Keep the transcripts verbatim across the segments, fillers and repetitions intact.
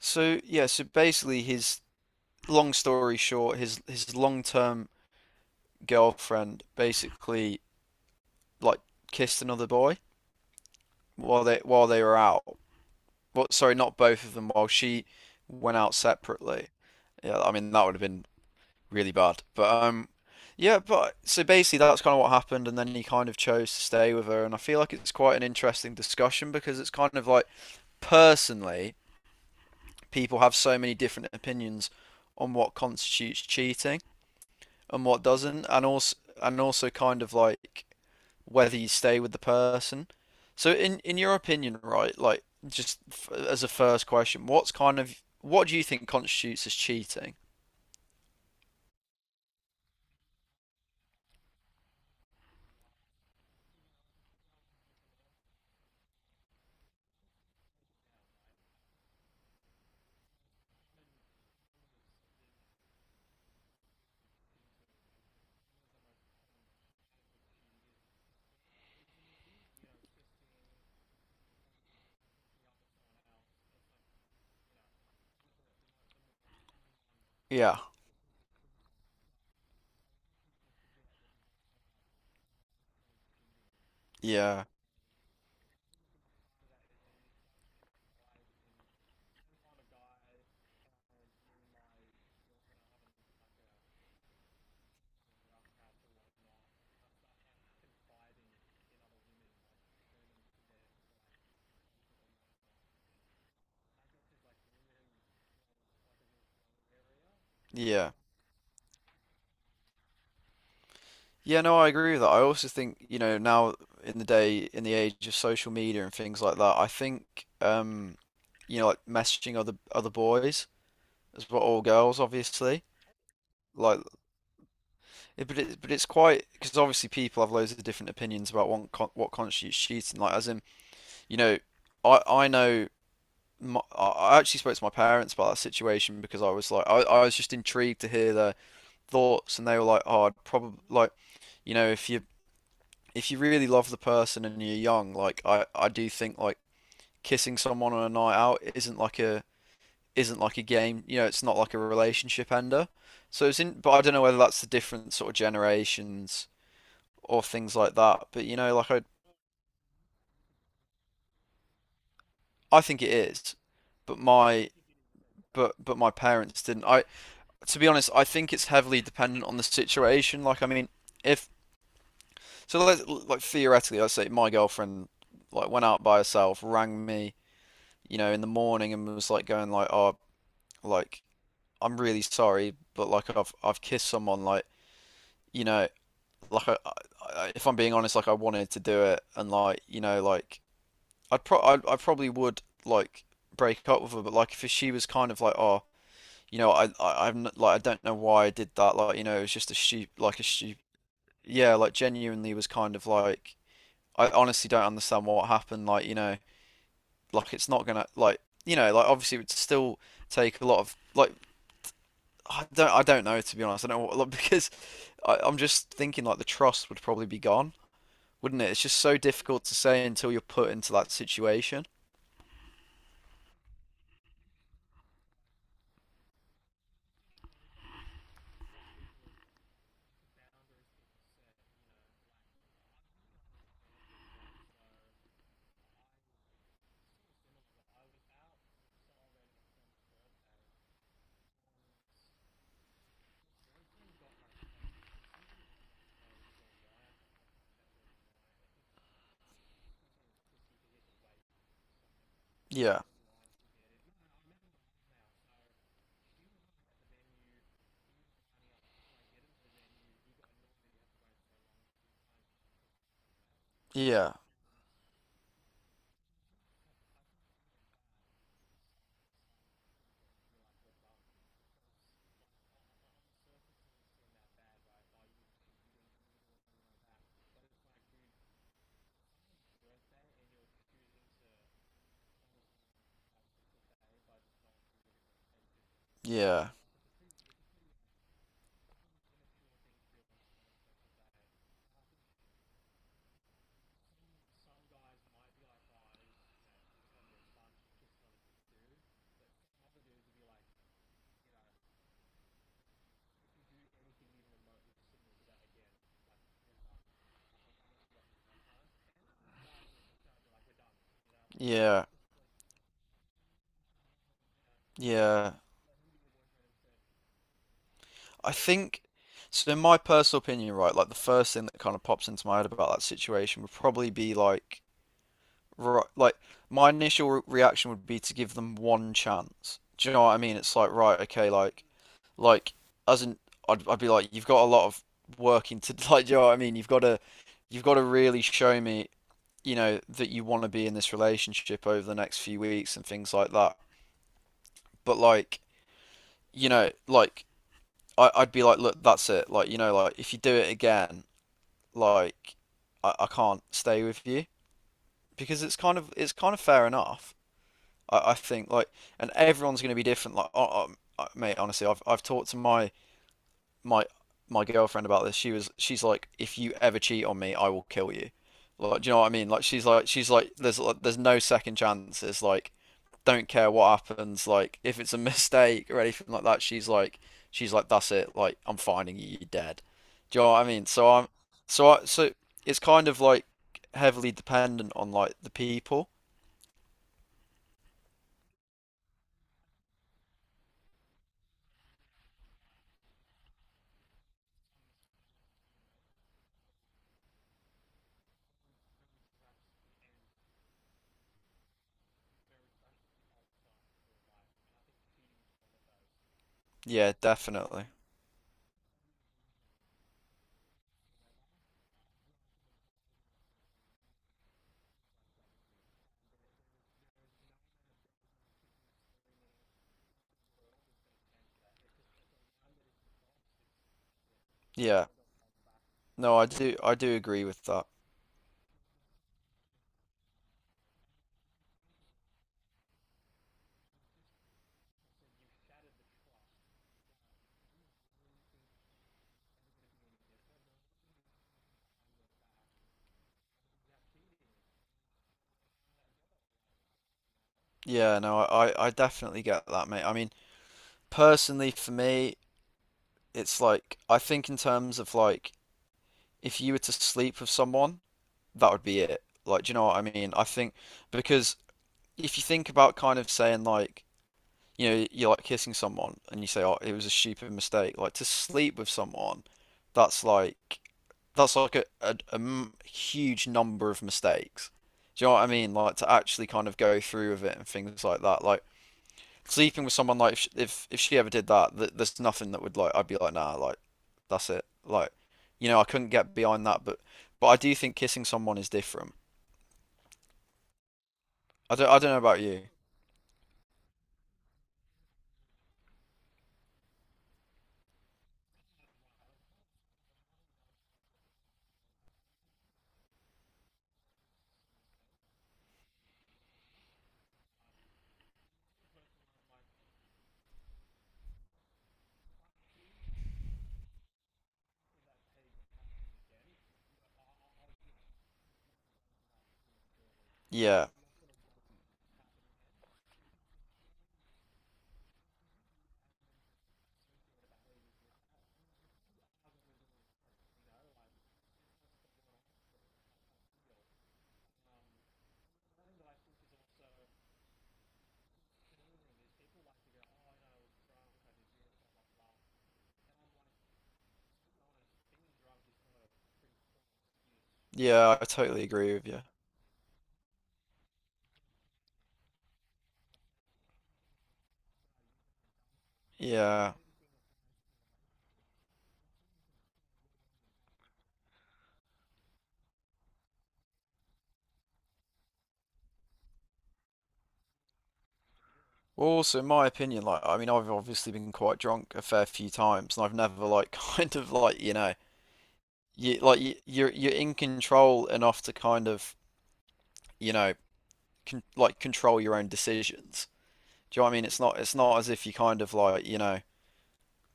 So yeah, so basically his long story short, his his long-term girlfriend basically like kissed another boy while they while they were out. Well, sorry, not both of them, while she went out separately. Yeah, I mean that would have been really bad. But um yeah, but so basically that's kind of what happened and then he kind of chose to stay with her and I feel like it's quite an interesting discussion because it's kind of like personally people have so many different opinions on what constitutes cheating and what doesn't, and also and also kind of like whether you stay with the person. So in in your opinion, right, like just f as a first question, what's kind of what do you think constitutes as cheating? Yeah, yeah, yeah. Yeah, no, I agree with that. I also think, you know, now in the day, in the age of social media and things like that, I think, um, you know, like messaging other other boys as well, or girls, obviously. Like, yeah, but it, but it's quite because obviously people have loads of different opinions about what con what constitutes cheating. Like as in, you know, I I know my, I actually spoke to my parents about that situation because I was like I, I was just intrigued to hear their thoughts and they were like, oh, I'd probably like, you know, if you if you really love the person and you're young, like I I do think like kissing someone on a night out isn't like a isn't like a game. You know, it's not like a relationship ender. So it's in, but I don't know whether that's the different sort of generations or things like that. But you know, like I I think it is, but my but but my parents didn't. I To be honest, I think it's heavily dependent on the situation. Like I mean, if so, like like theoretically, I say my girlfriend like went out by herself, rang me, you know, in the morning and was like going like, oh, like I'm really sorry, but like I've I've kissed someone, like you know, like I, I, if I'm being honest, like I wanted to do it, and like you know, like I'd pro I, I probably would like break up with her, but like if she was kind of like, oh, you know, I, I I'm not, like I don't know why I did that, like you know, it was just a stu like a stu yeah, like genuinely was kind of like I honestly don't understand what happened, like you know, like it's not gonna like you know, like obviously it would still take a lot of like I don't I don't know. To be honest, I don't know what, like, because I, I'm just thinking like the trust would probably be gone, wouldn't it? It's just so difficult to say until you're put into that situation. Yeah, yeah, yeah. Yeah, yeah. I think so in my personal opinion, right, like the first thing that kind of pops into my head about that situation would probably be like right, like my initial re- reaction would be to give them one chance. Do you know what I mean? It's like right, okay, like like as in I'd I'd be like you've got a lot of working to like do you know what I mean? You've got to you've got to really show me, you know, that you want to be in this relationship over the next few weeks and things like that. But like, you know, like I, I'd be like, look, that's it. Like, you know, like if you do it again, like I, I can't stay with you because it's kind of it's kind of fair enough. I, I think like, and everyone's going to be different. Like, oh, mate, honestly, I've I've talked to my my my girlfriend about this. She was she's like, if you ever cheat on me, I will kill you. Like, do you know what I mean? Like, she's like she's like there's like, there's no second chances. Like, don't care what happens. Like, if it's a mistake or anything like that, she's like she's like that's it. Like, I'm finding you. You're dead. Do you know what I mean? So I'm so I so it's kind of like heavily dependent on like the people. Yeah, definitely. Yeah. No, I do I do agree with that. Yeah, no, I I I definitely get that, mate. I mean, personally for me, it's like I think in terms of like if you were to sleep with someone, that would be it. Like, do you know what I mean? I think because if you think about kind of saying like, you know, you're like kissing someone and you say, "Oh, it was a stupid mistake." Like to sleep with someone, that's like that's like a, a, a m- huge number of mistakes. Do you know what I mean? Like to actually kind of go through with it and things like that. Like sleeping with someone like if sh- if if she ever did that, th there's nothing that would like I'd be like nah, like that's it. Like you know I couldn't get behind that, but but I do think kissing someone is different. I don't I don't know about you. Yeah, yeah, I totally agree with you. Yeah. Well, also, in my opinion, like I mean, I've obviously been quite drunk a fair few times, and I've never like kind of like you know you like you, you're you're in control enough to kind of you know con like control your own decisions. Do you know what I mean? It's not it's not as if you kind of like you know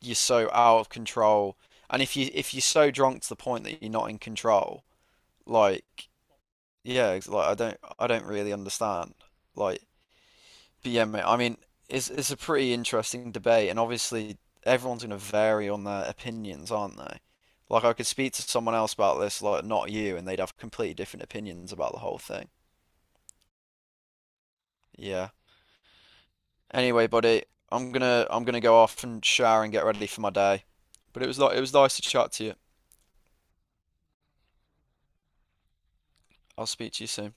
you're so out of control. And if you if you're so drunk to the point that you're not in control, like yeah, it's like I don't I don't really understand. Like, but yeah, mate, I mean, it's it's a pretty interesting debate, and obviously everyone's gonna vary on their opinions, aren't they? Like, I could speak to someone else about this, like not you, and they'd have completely different opinions about the whole thing. Yeah. Anyway, buddy, I'm gonna I'm gonna go off and shower and get ready for my day. But it was like it was nice to chat to you. I'll speak to you soon.